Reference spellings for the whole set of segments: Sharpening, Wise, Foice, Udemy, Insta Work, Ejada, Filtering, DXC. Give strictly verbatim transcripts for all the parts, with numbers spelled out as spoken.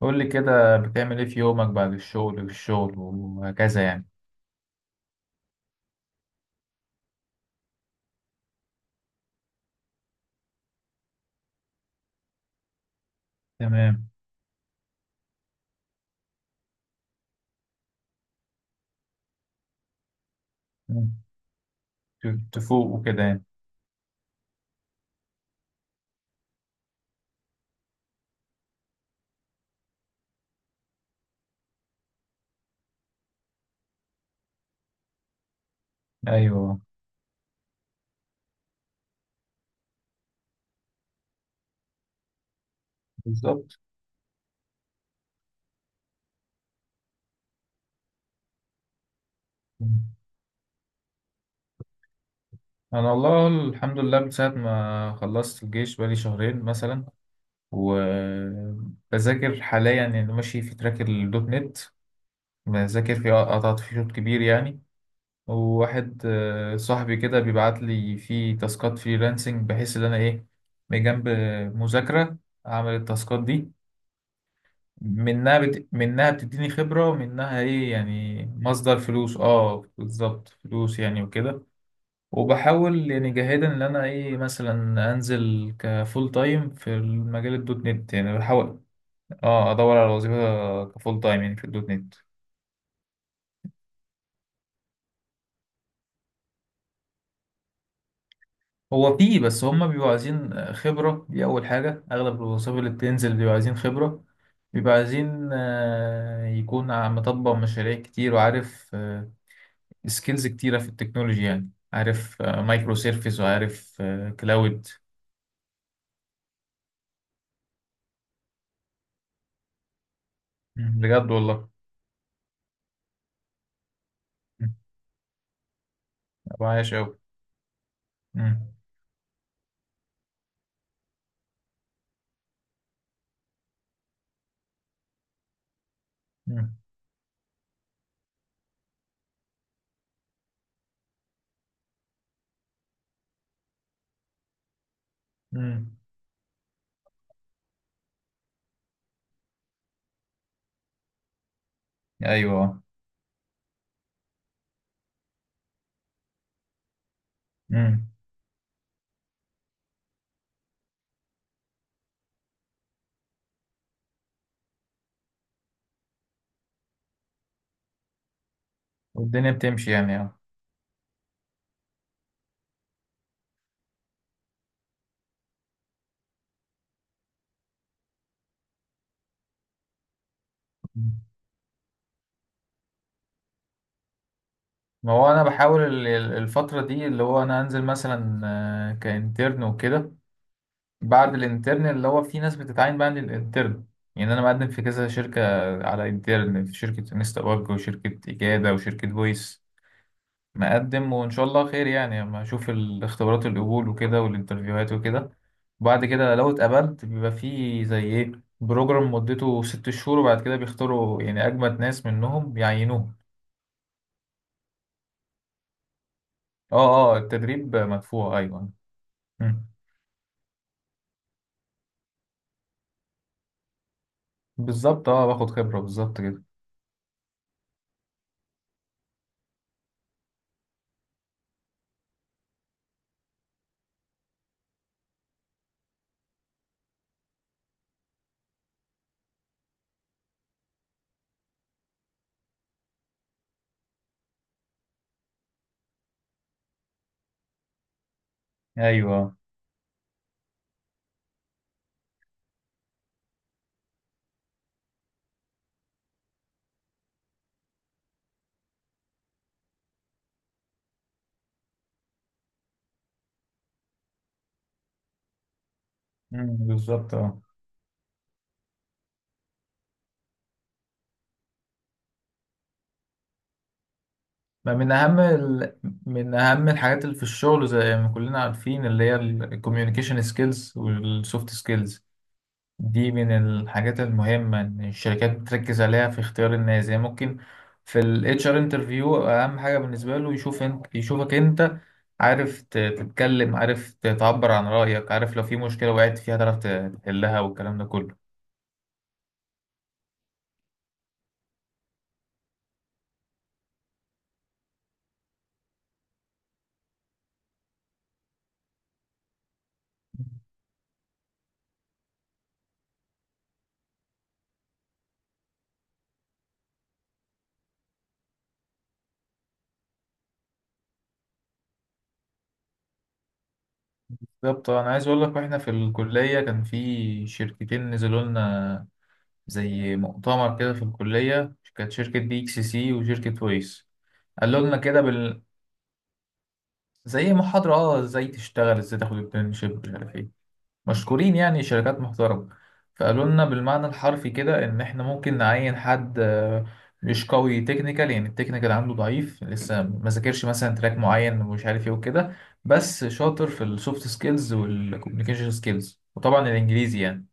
قول لي كده بتعمل ايه في يومك بعد الشغل والشغل وهكذا يعني؟ تمام. مم. ت- تفوق وكده يعني. ايوه. بالظبط. مم. انا والله الحمد لله من ساعة ما خلصت الجيش بقالي شهرين مثلا، وبذاكر حاليا يعني ماشي في تراك الدوت نت. بذاكر فيه، قطعت فيه شوط كبير يعني. وواحد آه، صاحبي كده بيبعت لي فيه تاسكات فريلانسنج بحيث ان انا ايه، بجنب مذاكرة اعمل التاسكات دي، منها بت... منها بتديني خبرة، ومنها ايه يعني مصدر فلوس، اه بالظبط فلوس يعني وكده. وبحاول يعني جاهدا ان انا ايه مثلا انزل كفول تايم في المجال الدوت نت يعني، بحاول اه ادور على وظيفة كفول تايم يعني في الدوت نت. هو فيه، بس هما بيبقوا عايزين خبرة، دي أول حاجة. أغلب الوظائف اللي بتنزل بيبقوا عايزين خبرة، بيبقوا عايزين آه، يكون عم- مطبق مشاريع كتير، وعارف آه، سكيلز كتيرة في التكنولوجي يعني، عارف آه، مايكرو سيرفيس، وعارف آه، كلاود. مم. بجد والله. مم. أبقى عايش أوي. مم. مم. مم. أيوه. مم. والدنيا بتمشي يعني، اه. مم. ما هو أنا بحاول ال- ال- الفترة دي اللي هو أنا أنزل مثلا آه، كإنترن وكده، بعد الإنترن اللي هو في ناس بتتعين بقى للإنترن. يعني أنا مقدم في كذا شركة، على إنترن في شركة انستا وورك وشركة إجادة وشركة فويس، مقدم وإن شاء الله خير يعني، أما أشوف الاختبارات القبول وكده والانترفيوهات وكده. وبعد كده لو اتقبلت بيبقى فيه زي إيه، بروجرام مدته ست شهور، وبعد كده بيختاروا يعني أجمد ناس منهم يعينوهم. اه، اه، التدريب مدفوع، أيوه. مم. بالظبط، اه باخد خبرة بالظبط كده. أيوه آه. مم، بالظبط اه. ما من أهم ال... من أهم الحاجات اللي في الشغل زي ما كلنا عارفين اللي هي الكوميونيكيشن سكيلز والسوفت سكيلز، دي من الحاجات المهمة إن الشركات بتركز عليها في اختيار الناس يعني. ممكن في ال اتش آر interview أهم حاجة بالنسبة له يشوف انت، يشوفك أنت عارف ت- تتكلم، عارف ت- تعبر عن رأيك، عارف لو في مشكلة وقعت فيها تعرف ت- تحلها والكلام ده كله. بالظبط. أنا عايز أقول لك، وإحنا في الكلية كان في شركتين نزلوا لنا زي مؤتمر كده في الكلية، كانت شركة دي إكس سي وشركة ويس. قالوا لنا كده بال... زي محاضرة، اه، ازاي تشتغل، ازاي تاخد internship مش عارف ايه، مشكورين يعني شركات محترمة. فقالوا لنا بالمعنى الحرفي كده إن إحنا ممكن نعين حد آه، مش قوي تكنيكال يعني، التكنيكال عنده ضعيف، لسه ما ذاكرش مثلا تراك معين ومش عارف إيه وكده، بس شاطر في السوفت سكيلز والكوميونيكيشن سكيلز وطبعا الإنجليزي يعني.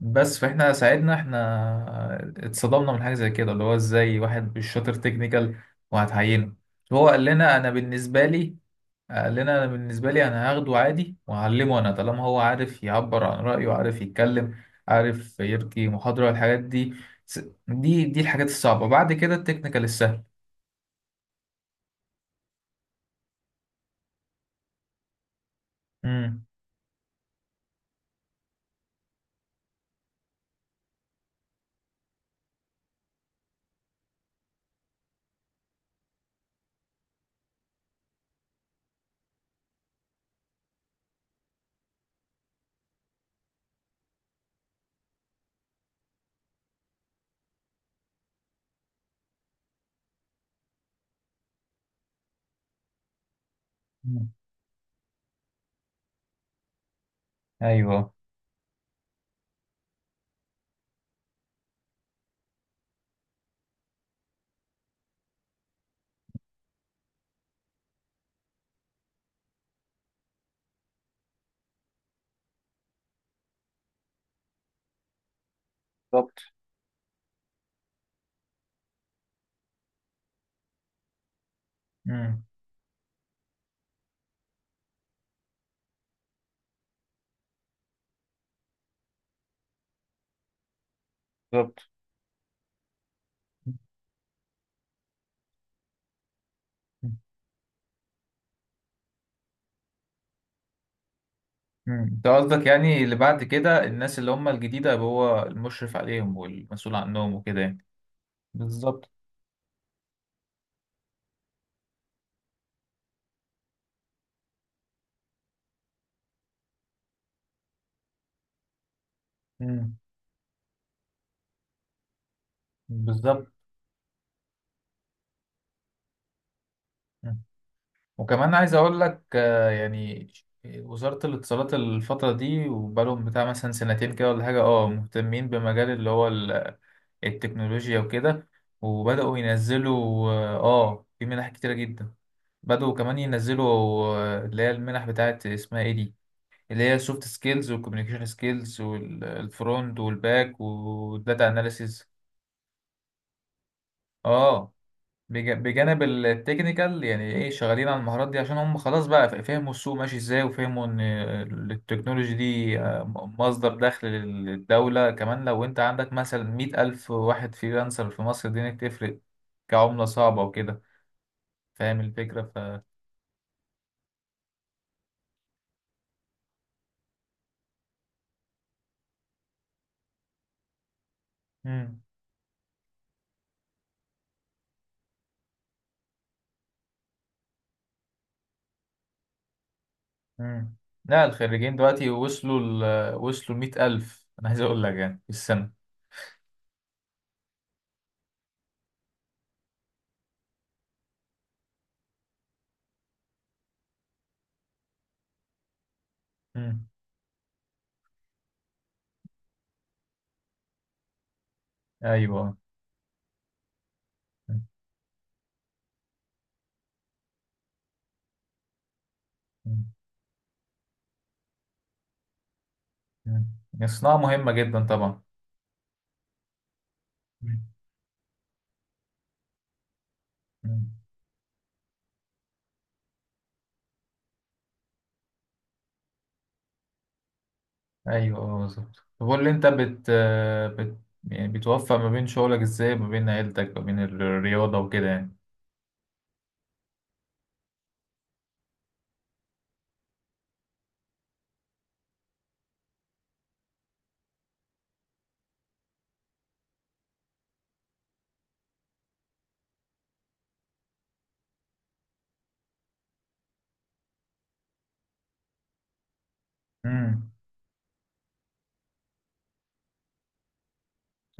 بس فإحنا ساعدنا، إحنا اتصدمنا من حاجة زي كده اللي هو إزاي واحد مش شاطر تكنيكال وهتعينه. هو قال لنا أنا بالنسبة لي، قال لنا انا بالنسبه لي انا هاخده عادي وهعلمه، انا طالما هو عارف يعبر عن رايه، عارف يتكلم، عارف يلقي محاضره، الحاجات دي س- دي دي الحاجات الصعبه، بعد كده التكنيكال السهل. امم ايوه بالظبط. امم بالظبط. انت قصدك يعني اللي بعد كده الناس اللي هم الجديده يبقى هو المشرف عليهم والمسؤول عنهم وكده يعني. بالظبط. مم. بالظبط. وكمان عايز اقول لك آه، يعني وزارة الاتصالات الفترة دي وبقالهم بتاع مثلا سنتين كده ولا حاجة، اه مهتمين بمجال اللي هو ال- التكنولوجيا وكده، وبدأوا ينزلوا اه آه، في منح كتيرة جدا. بدأوا كمان ينزلوا آه، اللي هي المنح بتاعت اسمها ايه دي، اللي هي السوفت سكيلز والكوميونيكيشن سكيلز والفرونت والباك والداتا اناليسيز، اه بج- بجانب التكنيكال يعني ايه، شغالين على المهارات دي عشان هم خلاص بقى ف- فهموا السوق ماشي ازاي، وفهموا ان التكنولوجي دي مصدر دخل للدولة كمان. لو انت عندك مثلا مئة ألف واحد فريلانسر في مصر دي تفرق كعملة صعبة وكده، فاهم الفكرة ف مم. مم. لا، الخريجين دلوقتي وصلوا، ل... وصلوا مئة ألف، أنا عايز أقول لك يعني في السنة. مم. أيوه. مم. مم. مم. الصناعة مهمة جدا طبعا. مم. مم. ايوه اه بالظبط. طب قول لي انت بت, آه، بت... يعني بتوفق ما بين شغلك ازاي، ما بين عيلتك، ما بين الرياضة وكده يعني. امم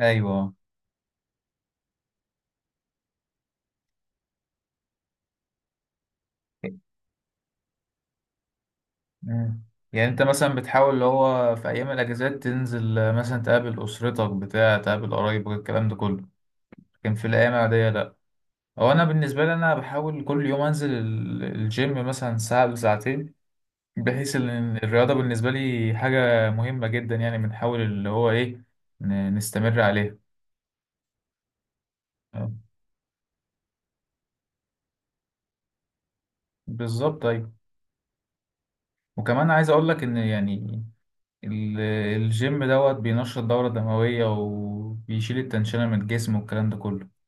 ايوه. امم يعني انت مثلا بتحاول اللي هو في ايام الاجازات تنزل آه، مثلا تقابل اسرتك بتاع، تقابل قرايبك الكلام ده كله، لكن في الايام العادية لا. هو انا بالنسبة لي انا بحاول كل يوم انزل ال- الجيم مثلا ساعة لساعتين، بحيث ان الرياضة بالنسبة لي حاجة مهمة جدا يعني، بنحاول اللي هو ايه ن- نستمر عليها. آه. بالظبط، ايوه. وكمان عايز اقول لك ان يعني ال- الجيم دوت بينشط الدورة الدموية وبيشيل التنشنة من الجسم والكلام ده كله.